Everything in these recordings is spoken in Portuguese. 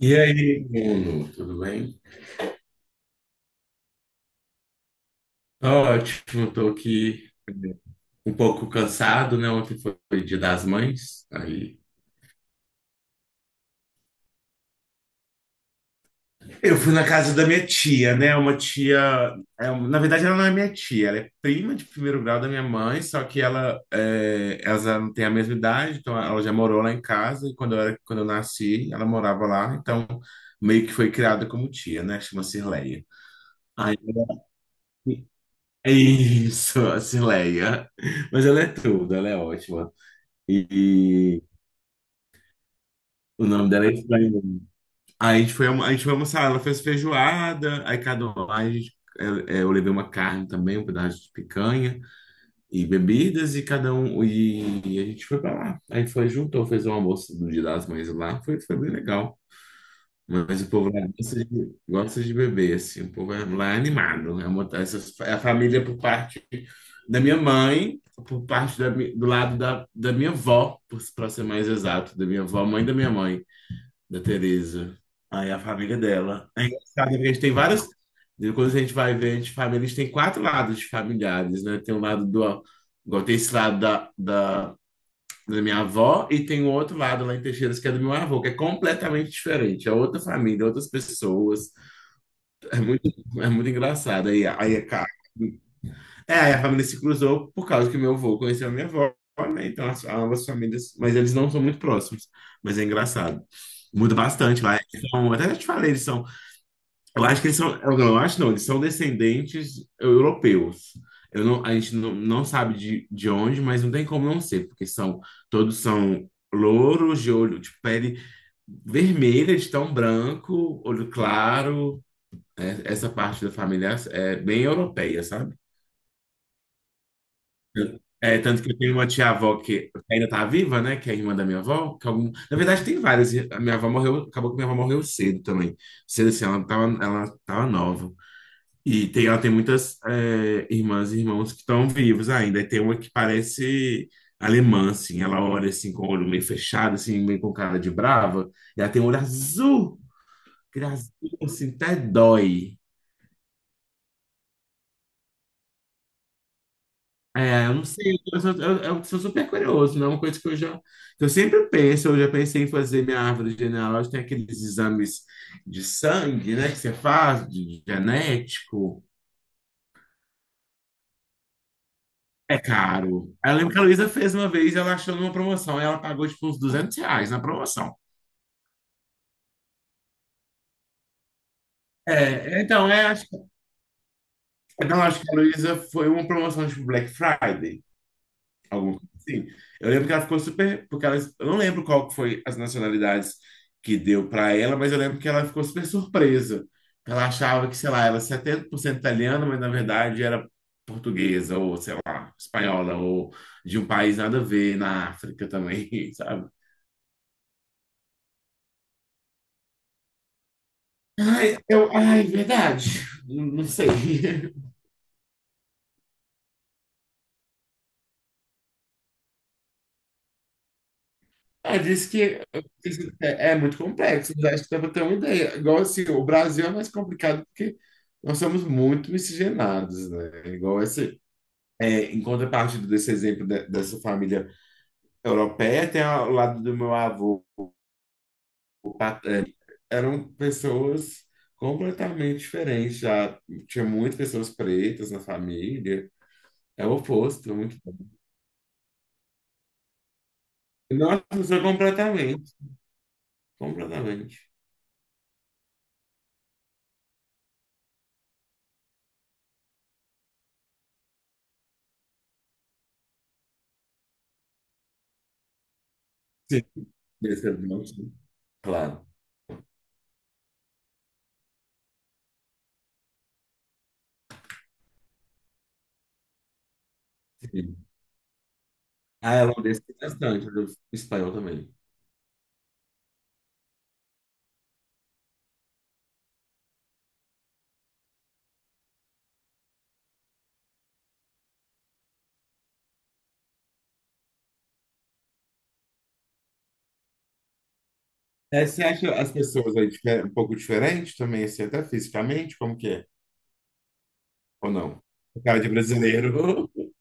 E aí, Bruno, tudo bem? Tô ótimo, tô aqui um pouco cansado, né? Ontem foi Dia das Mães, aí. Eu fui na casa da minha tia, né? Uma tia. Na verdade, ela não é minha tia, ela é prima de primeiro grau da minha mãe, só que ela já não tem a mesma idade, então ela já morou lá em casa, e quando eu nasci, ela morava lá, então meio que foi criada como tia, né? Chama-se Leia. Aí é isso, a Cileia. Mas ela é tudo, ela é ótima. E o nome dela é estranho. Aí a gente foi, a gente foi almoçar, ela fez feijoada, aí cada um lá, a gente, eu levei uma carne também, um pedaço de picanha e bebidas, e cada um, e a gente foi pra lá. Aí foi, juntou, fez um almoço do Dia das Mães lá, foi, foi bem legal. Mas o povo lá gosta de beber, assim. O lá é animado. É, é a família por parte da minha mãe, por parte da do lado da minha avó, para ser mais exato, da minha avó, mãe da minha mãe, da Tereza. Aí a família dela. É engraçado, porque a gente tem várias. Quando a gente vai ver, a gente, família, a gente tem quatro lados de familiares, né? Tem o lado do. Igual tem esse lado da minha avó, e tem o outro lado lá em Teixeiras, que é do meu avô, que é completamente diferente. É outra família, outras pessoas. É muito, é muito engraçado. Aí, aí, é, ca- é, aí a família se cruzou por causa que meu avô conheceu a minha avó, né? Então ambas famílias, mas eles não são muito próximos. Mas é engraçado. Muda bastante lá. Até já te falei, eles são eu acho que eles são. Eu Não, acho não, eles são descendentes europeus. Eu não, a gente não, não sabe de onde, mas não tem como não ser, porque todos são louros de olho, de pele vermelha, de tão branco, olho claro. É, essa parte da família é bem europeia, sabe? É, tanto que eu tenho uma tia-avó que ainda tá viva, né? Que é a irmã da minha avó. Que algum... Na verdade, tem várias. A minha avó morreu, acabou que minha avó morreu cedo também. Cedo assim, ela tava nova. E tem, ela tem muitas é, irmãs e irmãos que estão vivos ainda. E tem uma que parece alemã, assim. Ela olha assim com o olho meio fechado, assim, meio com cara de brava. E ela tem um olho azul, aquele azul, assim, até dói. É, eu não sei, eu sou super curioso, não é uma coisa que que eu sempre penso, eu já pensei em fazer minha árvore genealógica, tem aqueles exames de sangue, né, que você faz, de genético. É caro. Eu lembro que a Luísa fez uma vez, ela achou numa promoção, e ela pagou tipo uns R$ 200 na promoção. É, então, é, acho que, então, acho que a Luísa foi uma promoção tipo Black Friday, alguma coisa assim. Eu lembro que ela ficou super, porque ela, eu não lembro qual que foi as nacionalidades que deu para ela, mas eu lembro que ela ficou super surpresa. Ela achava que, sei lá, ela era 70% italiana, mas na verdade era portuguesa, ou sei lá, espanhola, ou de um país nada a ver na África também, sabe? Ai, eu, ai, verdade. Não sei. Ah, diz que é muito complexo, mas acho que dá para ter uma ideia. Igual assim, o Brasil é mais complicado porque nós somos muito miscigenados, né? Igual esse. É, em contrapartida desse dessa família europeia, tem ao lado do meu avô, paterno, eram pessoas completamente diferentes. Já tinha muitas pessoas pretas na família. É o oposto, muito. Nossa, mudou completamente. Sim. Desse evento, claro. Sim. A holandesa tem bastante, a do espanhol também. É, você acha as pessoas aí um pouco diferentes também, assim, até fisicamente, como que é? Ou não? O cara de brasileiro.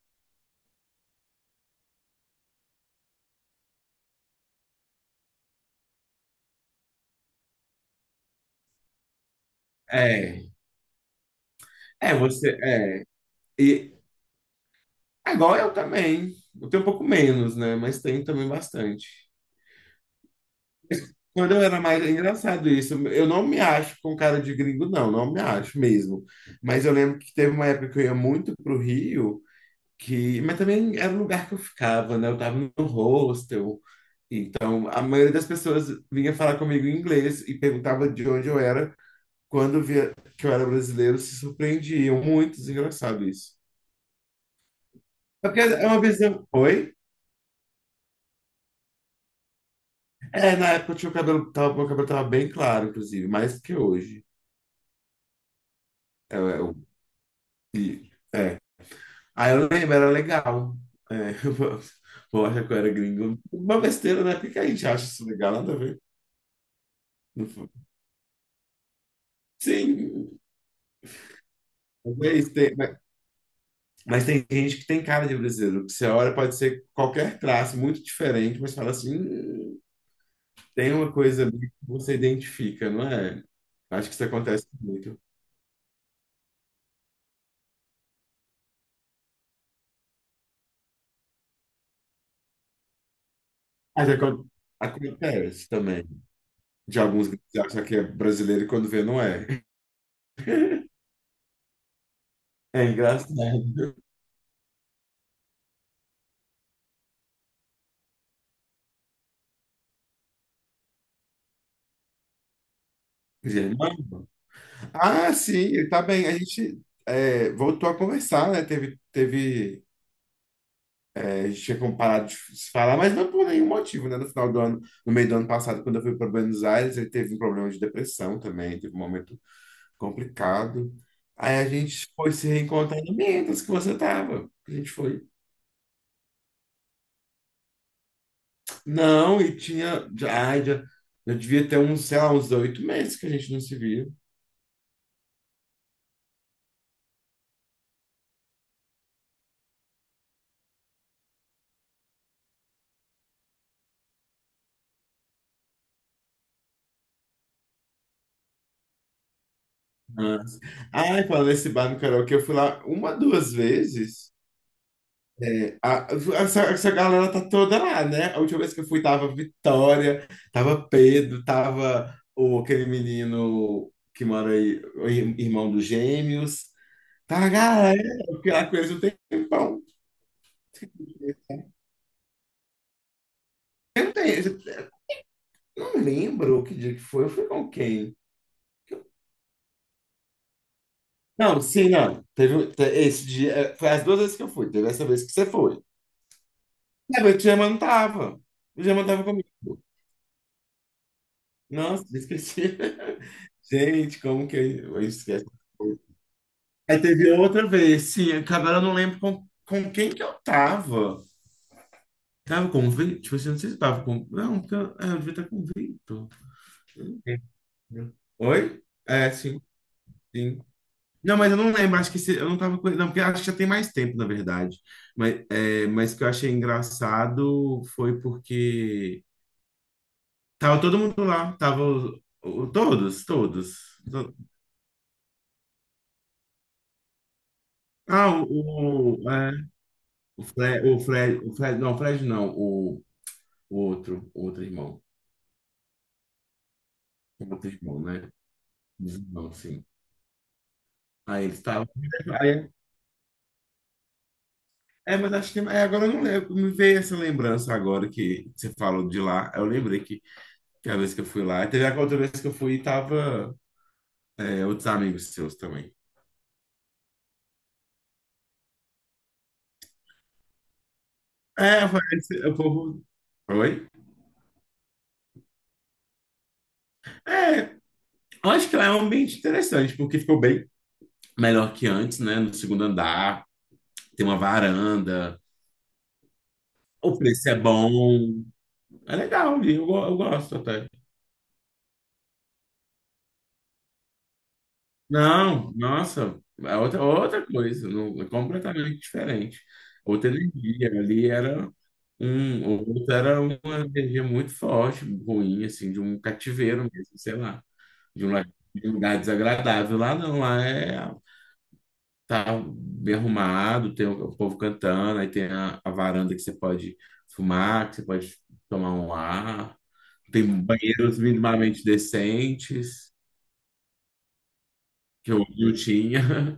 É, é, você, é. E agora eu também. Eu tenho um pouco menos, né? Mas tenho também bastante. Quando eu era mais, é engraçado isso, eu não me acho com cara de gringo, não, não me acho mesmo. Mas eu lembro que teve uma época que eu ia muito pro Rio, que, mas também era o lugar que eu ficava, né? Eu tava no hostel, então a maioria das pessoas vinha falar comigo em inglês e perguntava de onde eu era. Quando via que eu era brasileiro, se surpreendiam. Muito engraçado isso. É porque é uma visão. Oi? É, na época eu tinha o cabelo, tava, meu cabelo tava bem claro, inclusive, mais que hoje. É, é, é. Aí eu lembro, era legal. É, vou achar que eu era gringo. Uma besteira, né? Por que a gente acha isso legal? Nada a ver. Não foi. Sim, mas é isso, mas tem gente que tem cara de brasileiro. Que Você olha, pode ser qualquer traço, muito diferente, mas fala assim, tem uma coisa ali que você identifica, não é? Acho que isso acontece muito. Mas acontece também. De alguns que acham que é brasileiro e quando vê, não é. É engraçado. Germano? Ah, sim, ele tá bem. A gente voltou a conversar, né? Teve. A gente tinha como parado de se falar, mas não por nenhum motivo, né? No final do ano, no meio do ano passado, quando eu fui para Buenos Aires, ele teve um problema de depressão também, teve um momento complicado. Aí a gente foi se reencontrar em Mendas, que você tava. A gente foi. Não, e tinha. Já devia ter uns, sei lá, uns 8 meses que a gente não se via. Mas- Ai, falando nesse bar no karaokê, eu fui lá uma, duas vezes. A- essa galera tá toda lá, né? A última vez que eu fui tava Vitória, tava Pedro, tava o, aquele menino que mora aí, o irmão dos gêmeos. Tá a galera, porque lá com eles um tempão. Eu, não, tenho, eu não lembro que dia que foi, eu fui com quem? Não, sim, não. Esse dia, foi as duas vezes que eu fui, teve essa vez que você foi. É, mas o Germano tava. O Germano tava comigo. Nossa, esqueci. Gente, como que eu esqueço? Aí teve outra vez, sim, acabaram, eu não lembro com quem que eu tava. Tava com o Vitor? Tipo assim, não sei se tava com. Não, porque eu, é, eu devia estar com o Vitor. Oi? É, sim, sim. Não, mas eu não lembro, acho que se, eu não tava com ele. Não, porque acho que já tem mais tempo, na verdade. Mas, é, mas o que eu achei engraçado foi porque tava todo mundo lá, tava todos, todos. To- Ah, o, é, o Fred, o Fred, o Fred, não, o Fred não, o outro irmão. Muito bom, né? não sim. Aí eles estavam. Aí- É, mas acho que. É, agora eu não lembro. Me veio essa lembrança agora que você falou de lá. Eu lembrei que a vez que eu fui lá. E teve a outra vez que eu fui e tava é, outros amigos seus também. É, parece. O povo. Oi? Eu acho que lá é um ambiente interessante, porque ficou bem melhor que antes, né? No segundo andar, tem uma varanda. O preço é bom. É legal, eu, eu gosto até. Não, nossa, é outra coisa, não, é completamente diferente. Outra energia ali era um, outra era uma energia muito forte, ruim, assim, de um cativeiro mesmo, sei lá, de de um lugar desagradável. Lá não, lá é tá bem arrumado, tem o povo cantando, aí tem a varanda que você pode fumar, que você pode tomar um ar, tem banheiros minimamente decentes, que eu não tinha.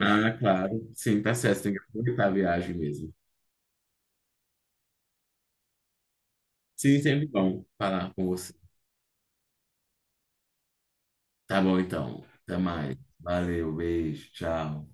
Ah, claro. Sim, tá certo. Tem que aproveitar a viagem mesmo. Sim, sempre bom falar com você. Tá bom, então. Até mais. Valeu, beijo, tchau.